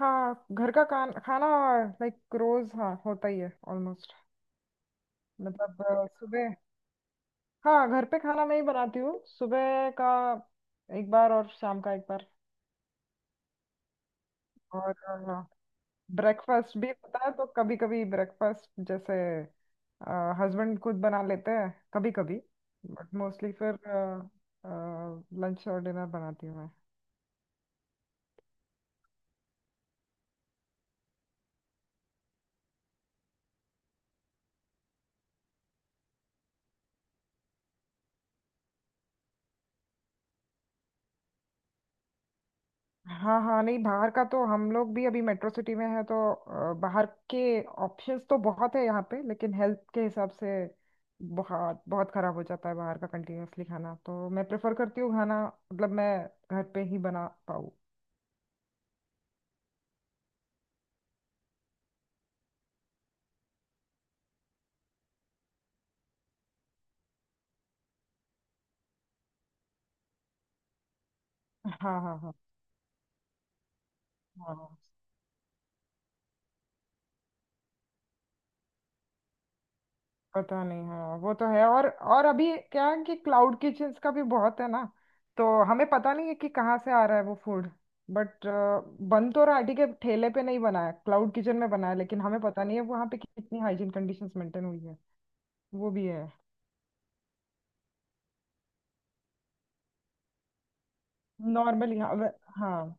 हाँ घर का खाना। लाइक रोज, हाँ, होता ही है ऑलमोस्ट। मतलब सुबह। हाँ, घर पे खाना मैं ही बनाती हूँ, सुबह का एक बार और शाम का एक बार। और ब्रेकफास्ट भी होता है तो कभी कभी ब्रेकफास्ट जैसे हस्बैंड खुद बना लेते हैं कभी कभी। बट मोस्टली फिर लंच और डिनर बनाती हूँ मैं। हाँ हाँ, नहीं, बाहर का तो हम लोग भी अभी मेट्रो सिटी में है, तो बाहर के ऑप्शंस तो बहुत है यहाँ पे, लेकिन हेल्थ के हिसाब से बहुत बहुत खराब हो जाता है बाहर का कंटिन्यूअसली खाना, तो मैं प्रेफर करती हूँ खाना मतलब मैं घर पे ही बना पाऊँ। हाँ हाँ हाँ। हाँ हाँ। पता नहीं, हाँ, वो तो है। और अभी क्या है कि क्लाउड किचन्स का भी बहुत है ना, तो हमें पता नहीं है कि कहाँ से आ रहा है वो फूड। बट बन तो राटी के ठेले पे नहीं बना है, क्लाउड किचन में बना है, लेकिन हमें पता नहीं है वहाँ पे कितनी हाइजीन कंडीशंस मेंटेन हुई है। वो भी है नॉर्मली। हाँ, हाँ।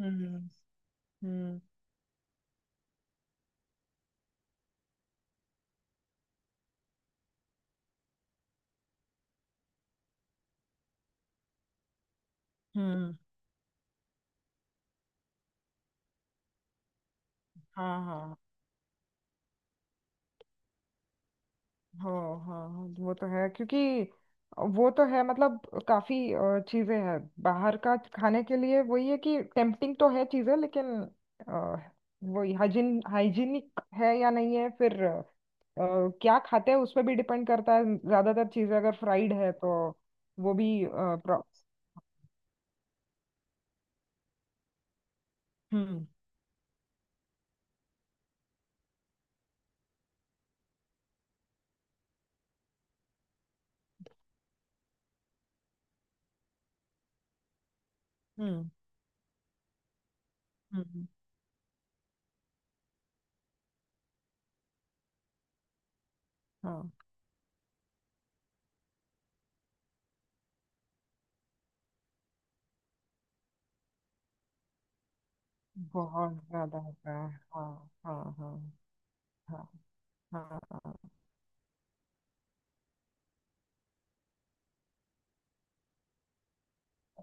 हम्म। हम्म। हम्म। हाँ हाँ हाँ हाँ, हाँ, वो तो है क्योंकि वो तो है, मतलब काफी चीजें हैं बाहर का खाने के लिए, वही है कि टेम्पटिंग तो है चीजें, लेकिन अ, वही हाइजीन, हाइजीनिक है या नहीं है, फिर क्या खाते हैं उस पर भी डिपेंड करता है। ज्यादातर चीजें अगर फ्राइड है तो वो भी हम्म। हम्म। हम्म। हम्म। हाँ, बहुत ज्यादा होता है। हाँ हाँ हाँ। हाँ, हाँ,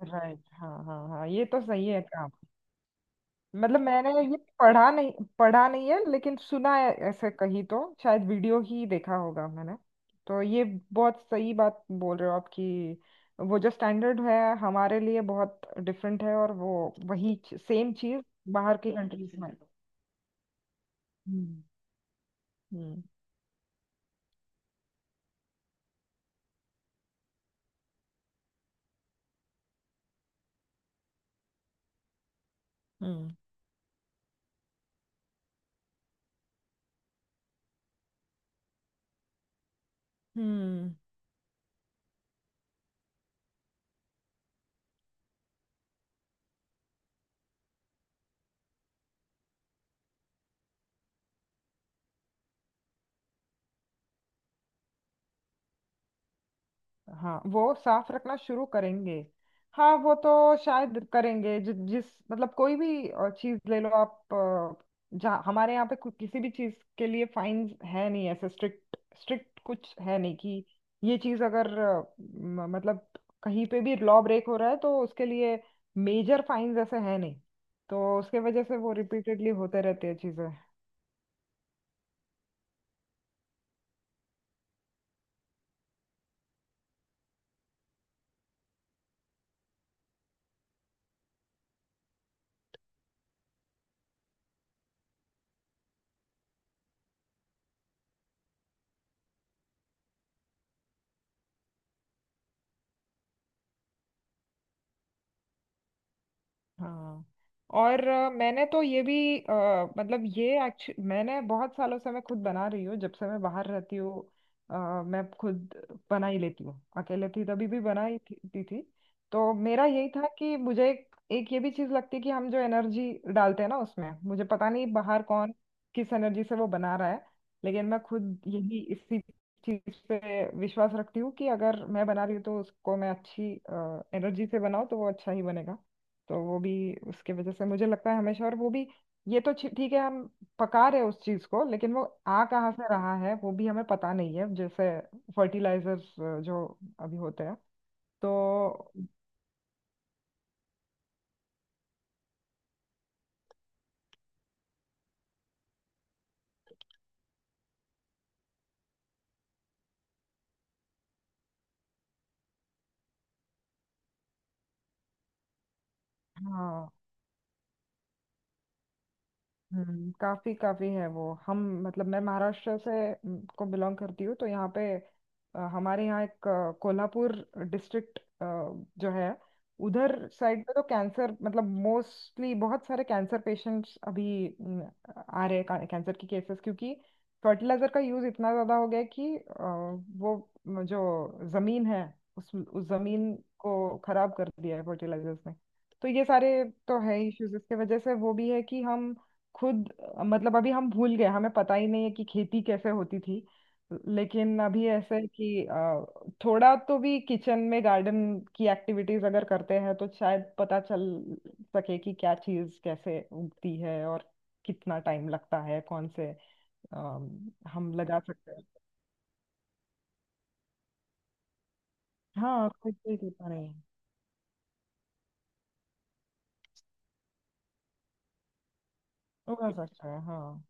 राइट, हाँ, right, हाँ हाँ हाँ, ये तो सही है। मतलब मैंने ये पढ़ा नहीं, पढ़ा नहीं है, लेकिन सुना है ऐसे कहीं, तो शायद वीडियो ही देखा होगा मैंने। तो ये बहुत सही बात बोल रहे हो आप कि वो जो स्टैंडर्ड है हमारे लिए बहुत डिफरेंट है, और वो वही सेम चीज बाहर की कंट्रीज में। हम्म। हम्म। हम्म। हम्म। हाँ, वो साफ रखना शुरू करेंगे। हाँ वो तो शायद करेंगे, जिस, मतलब कोई भी चीज ले लो आप, जहाँ हमारे यहाँ पे किसी भी चीज के लिए फाइन है नहीं, ऐसे स्ट्रिक्ट स्ट्रिक्ट कुछ है नहीं कि ये चीज अगर मतलब कहीं पे भी लॉ ब्रेक हो रहा है तो उसके लिए मेजर फाइन ऐसे है नहीं, तो उसके वजह से वो रिपीटेडली होते रहते हैं चीजें। हाँ। और मैंने तो ये भी अ, मतलब ये एक्चुअली मैंने बहुत सालों से मैं खुद बना रही हूँ, जब से मैं बाहर रहती हूँ, मैं खुद बना ही लेती हूँ। अकेले थी तभी भी बना ही थी। तो मेरा यही था कि मुझे एक ये भी चीज़ लगती है कि हम जो एनर्जी डालते हैं ना उसमें, मुझे पता नहीं बाहर कौन किस एनर्जी से वो बना रहा है। लेकिन मैं खुद यही इसी चीज़ पे विश्वास रखती हूँ कि अगर मैं बना रही हूँ तो उसको मैं अच्छी एनर्जी से बनाऊँ तो वो अच्छा ही बनेगा। तो वो भी उसके वजह से मुझे लगता है हमेशा। और वो भी ये तो ठीक है, हम पका रहे हैं उस चीज को, लेकिन वो आ कहाँ से रहा है वो भी हमें पता नहीं है, जैसे फर्टिलाइजर्स जो अभी होते हैं। तो हाँ। हम्म, काफी काफी है वो हम, मतलब मैं महाराष्ट्र से को बिलोंग करती हूँ, तो यहाँ पे हमारे यहाँ एक कोल्हापुर डिस्ट्रिक्ट जो है, उधर साइड पे तो कैंसर, मतलब मोस्टली बहुत सारे कैंसर पेशेंट्स अभी आ रहे हैं, कैंसर की केसेस, क्योंकि फर्टिलाइजर का यूज इतना ज्यादा हो गया है कि वो जो जमीन है, उस जमीन को खराब कर दिया है फर्टिलाइजर्स ने। तो ये सारे तो है इश्यूज, इसके वजह से वो भी है कि हम खुद, मतलब अभी हम भूल गए, हमें पता ही नहीं है कि खेती कैसे होती थी। लेकिन अभी ऐसा है कि थोड़ा तो भी किचन में गार्डन की एक्टिविटीज अगर करते हैं तो शायद पता चल सके कि क्या चीज कैसे उगती है और कितना टाइम लगता है कौन से हम लगा सकते हैं। हाँ, खुद से ही करता नहीं है। उगा सकता है, हाँ,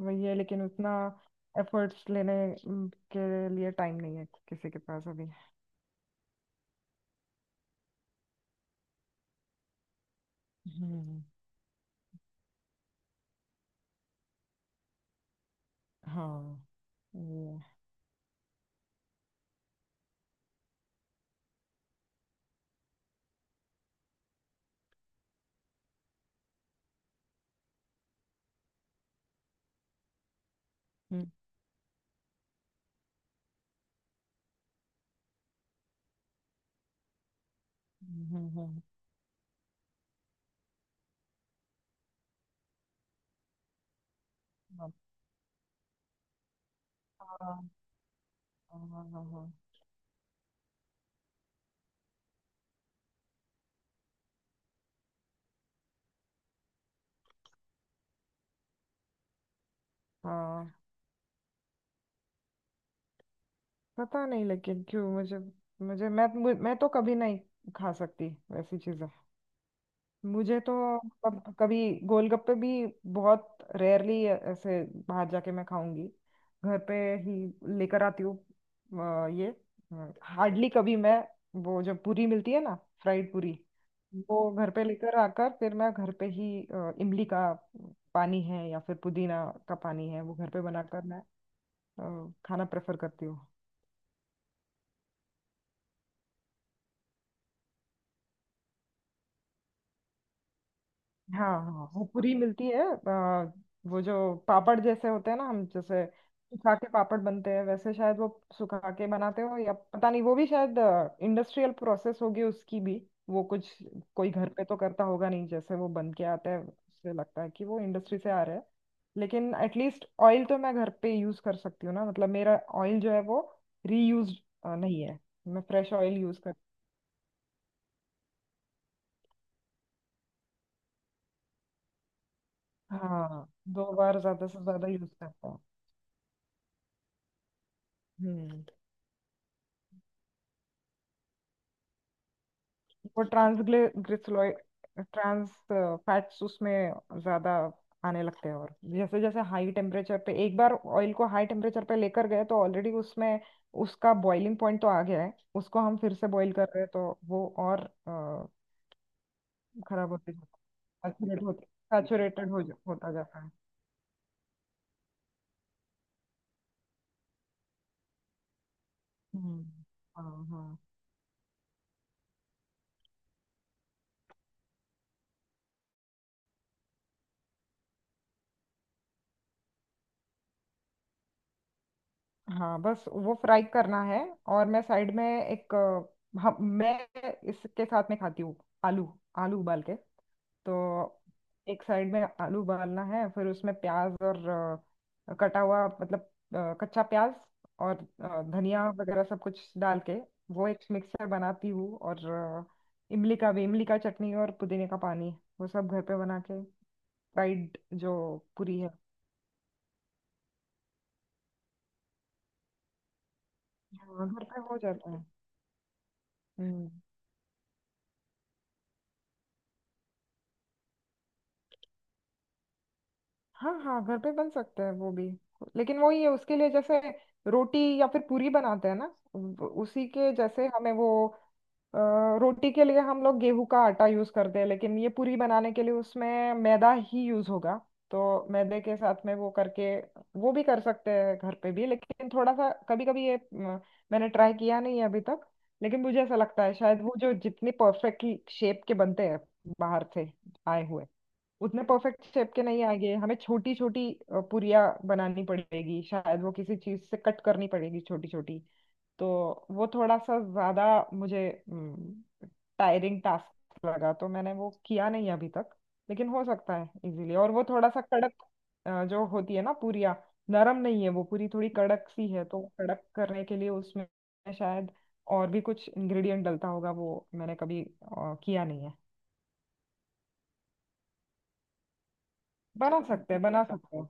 वही है, लेकिन उतना एफर्ट्स लेने अम, के लिए टाइम नहीं है किसी के पास अभी। हम्म। हाँ। ये। हम्म। हम्म। हम्म। हम्म। हम्म। हाँ हाँ हाँ, हाँ, हाँ, हाँ। पता नहीं, लेकिन क्यों मुझे, मैं तो कभी नहीं खा सकती वैसी चीजें। मुझे तो, मतलब कभी गोलगप्पे भी बहुत रेयरली ऐसे बाहर जाके मैं खाऊंगी, घर पे ही लेकर आती हूँ। ये हार्डली कभी मैं, वो जो पूरी मिलती है ना, फ्राइड पूरी, वो घर पे लेकर आकर फिर मैं घर पे ही इमली का पानी है या फिर पुदीना का पानी है, वो घर पे बनाकर मैं खाना प्रेफर करती हूँ। हाँ हाँ, वो पूरी मिलती है वो जो पापड़ जैसे होते हैं ना, हम जैसे सुखा के पापड़ बनते हैं, वैसे शायद वो सुखा के बनाते हो या पता नहीं, वो भी शायद इंडस्ट्रियल प्रोसेस होगी उसकी भी। वो कुछ, कोई घर पे तो करता होगा नहीं, जैसे वो बन के आता है उससे लगता है कि वो इंडस्ट्री से आ रहा है। लेकिन एटलीस्ट ऑयल तो मैं घर पे यूज कर सकती हूँ ना, मतलब मेरा ऑयल जो है वो रीयूज नहीं है, मैं फ्रेश ऑयल यूज कर। हाँ, दो बार ज्यादा से ज्यादा यूज करता हूँ। हम्म। वो ट्रांसग्लिसराइड, ट्रांस फैट्स उसमें ज्यादा आने लगते हैं, और जैसे जैसे हाई टेम्परेचर पे, एक बार ऑयल को हाई टेम्परेचर पे लेकर गए तो ऑलरेडी उसमें उसका बॉइलिंग पॉइंट तो आ गया है, उसको हम फिर से बॉईल कर रहे हैं तो वो और अ, खराब होते जाता, सैचुरेटेड होता जाता है। हम्म। हाँ हाँ हाँ, बस वो फ्राई करना है, और मैं साइड में एक मैं इसके साथ में खाती हूँ आलू। आलू उबाल के, तो एक साइड में आलू उबालना है, फिर उसमें प्याज और कटा हुआ, मतलब कच्चा प्याज, और धनिया वगैरह सब कुछ डाल के वो एक मिक्सर बनाती हूँ। और इमली का चटनी और पुदीने का पानी, वो सब घर पे बना के, फ्राइड जो पूरी है। हाँ, घर पे हो जाता है। हम्म। हाँ हाँ, घर पे बन सकता है वो भी, लेकिन वही है उसके लिए, जैसे रोटी या फिर पूरी बनाते हैं ना, उसी के जैसे हमें वो अ, रोटी के लिए हम लोग गेहूं का आटा यूज करते हैं, लेकिन ये पूरी बनाने के लिए उसमें मैदा ही यूज होगा, तो मैदे के साथ में वो करके वो भी कर सकते हैं घर पे भी, लेकिन थोड़ा सा कभी कभी ये मैंने ट्राई किया नहीं है अभी तक। लेकिन मुझे ऐसा लगता है शायद वो जो जितने परफेक्ट शेप के बनते हैं बाहर से आए हुए, उतने परफेक्ट शेप के नहीं आएंगे, हमें छोटी छोटी पुरिया बनानी पड़ेगी, शायद वो किसी चीज से कट करनी पड़ेगी छोटी छोटी, तो वो थोड़ा सा ज्यादा मुझे टायरिंग टास्क लगा तो मैंने वो किया नहीं अभी तक, लेकिन हो सकता है इजीली। और वो थोड़ा सा कड़क जो होती है ना पुरिया, नरम नहीं है वो पूरी, थोड़ी कड़क सी है, तो कड़क करने के लिए उसमें शायद और भी कुछ इंग्रेडिएंट डलता होगा, वो मैंने कभी किया नहीं है। बना सकते हैं, बना सकते हैं।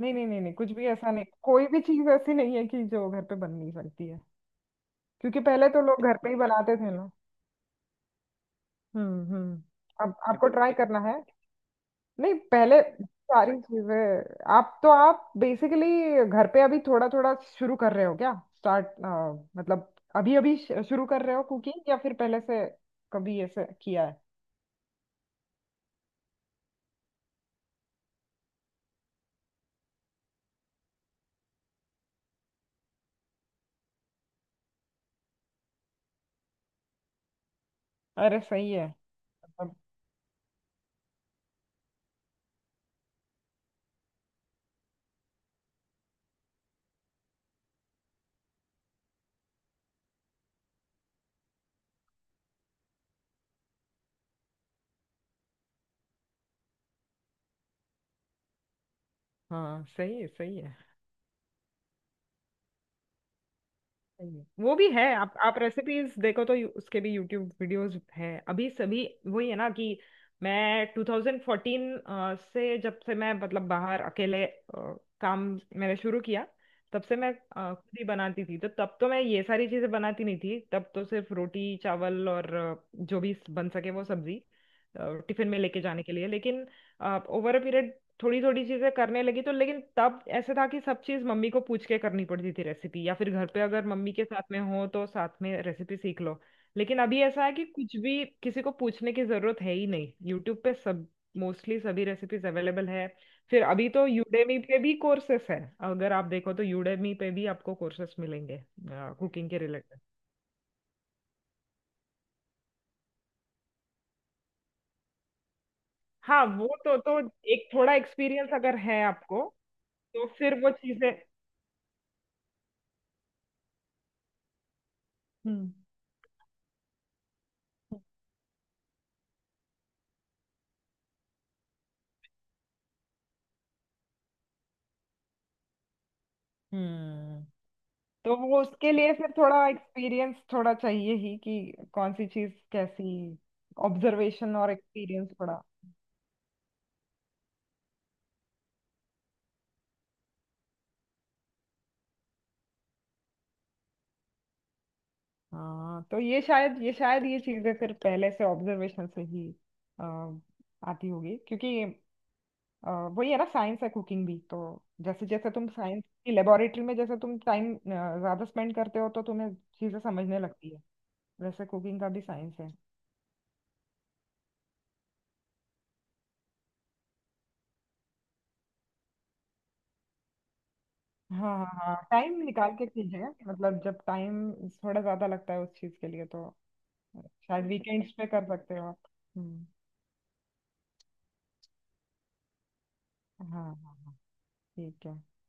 नहीं नहीं नहीं नहीं, कुछ भी ऐसा नहीं, कोई भी चीज ऐसी नहीं है कि जो घर पे बन नहीं सकती है, क्योंकि पहले तो लोग घर पे ही बनाते थे ना। हम्म। अब आपको ट्राई करना है। नहीं, पहले सारी चीजें, आप तो आप बेसिकली घर पे अभी थोड़ा थोड़ा शुरू कर रहे हो क्या, स्टार्ट, मतलब अभी अभी शुरू कर रहे हो कुकिंग या फिर पहले से कभी ऐसे किया है? अरे सही है, मतलब हाँ सही है सही है। सही है। वो भी है। आप रेसिपीज देखो तो उसके भी यूट्यूब वीडियोस हैं अभी, सभी वही है ना कि मैं 2014 से, जब से मैं, मतलब बाहर अकेले काम मैंने शुरू किया, तब से मैं खुद ही बनाती थी, तो तब तो मैं ये सारी चीजें बनाती नहीं थी, तब तो सिर्फ रोटी चावल और जो भी बन सके वो सब्जी अ, टिफिन में लेके जाने के लिए। लेकिन ओवर अ पीरियड थोड़ी थोड़ी चीजें करने लगी तो, लेकिन तब ऐसे था कि सब चीज मम्मी को पूछ के करनी पड़ती थी रेसिपी, या फिर घर पे अगर मम्मी के साथ में हो तो साथ में रेसिपी सीख लो। लेकिन अभी ऐसा है कि कुछ भी किसी को पूछने की जरूरत है ही नहीं, यूट्यूब पे सब, मोस्टली सभी रेसिपीज अवेलेबल है। फिर अभी तो यूडेमी पे भी कोर्सेस है, अगर आप देखो तो यूडेमी पे भी आपको कोर्सेस मिलेंगे कुकिंग के रिलेटेड। हाँ वो तो, एक थोड़ा एक्सपीरियंस अगर है आपको तो फिर वो चीजें। हम्म हम्म। तो वो उसके लिए फिर थोड़ा एक्सपीरियंस थोड़ा चाहिए ही कि कौन सी चीज कैसी, ऑब्जर्वेशन और एक्सपीरियंस थोड़ा। हाँ तो ये शायद ये चीजें फिर पहले से ऑब्जर्वेशन से ही अ, आती होगी, क्योंकि अ, वही है ना, साइंस है कुकिंग भी तो। जैसे जैसे तुम साइंस की लेबोरेटरी में, जैसे तुम टाइम ज्यादा स्पेंड करते हो, तो तुम्हें चीजें समझने लगती है, वैसे कुकिंग का भी साइंस है। हाँ हाँ, टाइम निकाल के चीजें, मतलब जब टाइम थोड़ा ज्यादा लगता है उस चीज के लिए तो, शायद वीकेंड्स पे कर सकते हो आप। हम्म। हाँ हाँ, ठीक है।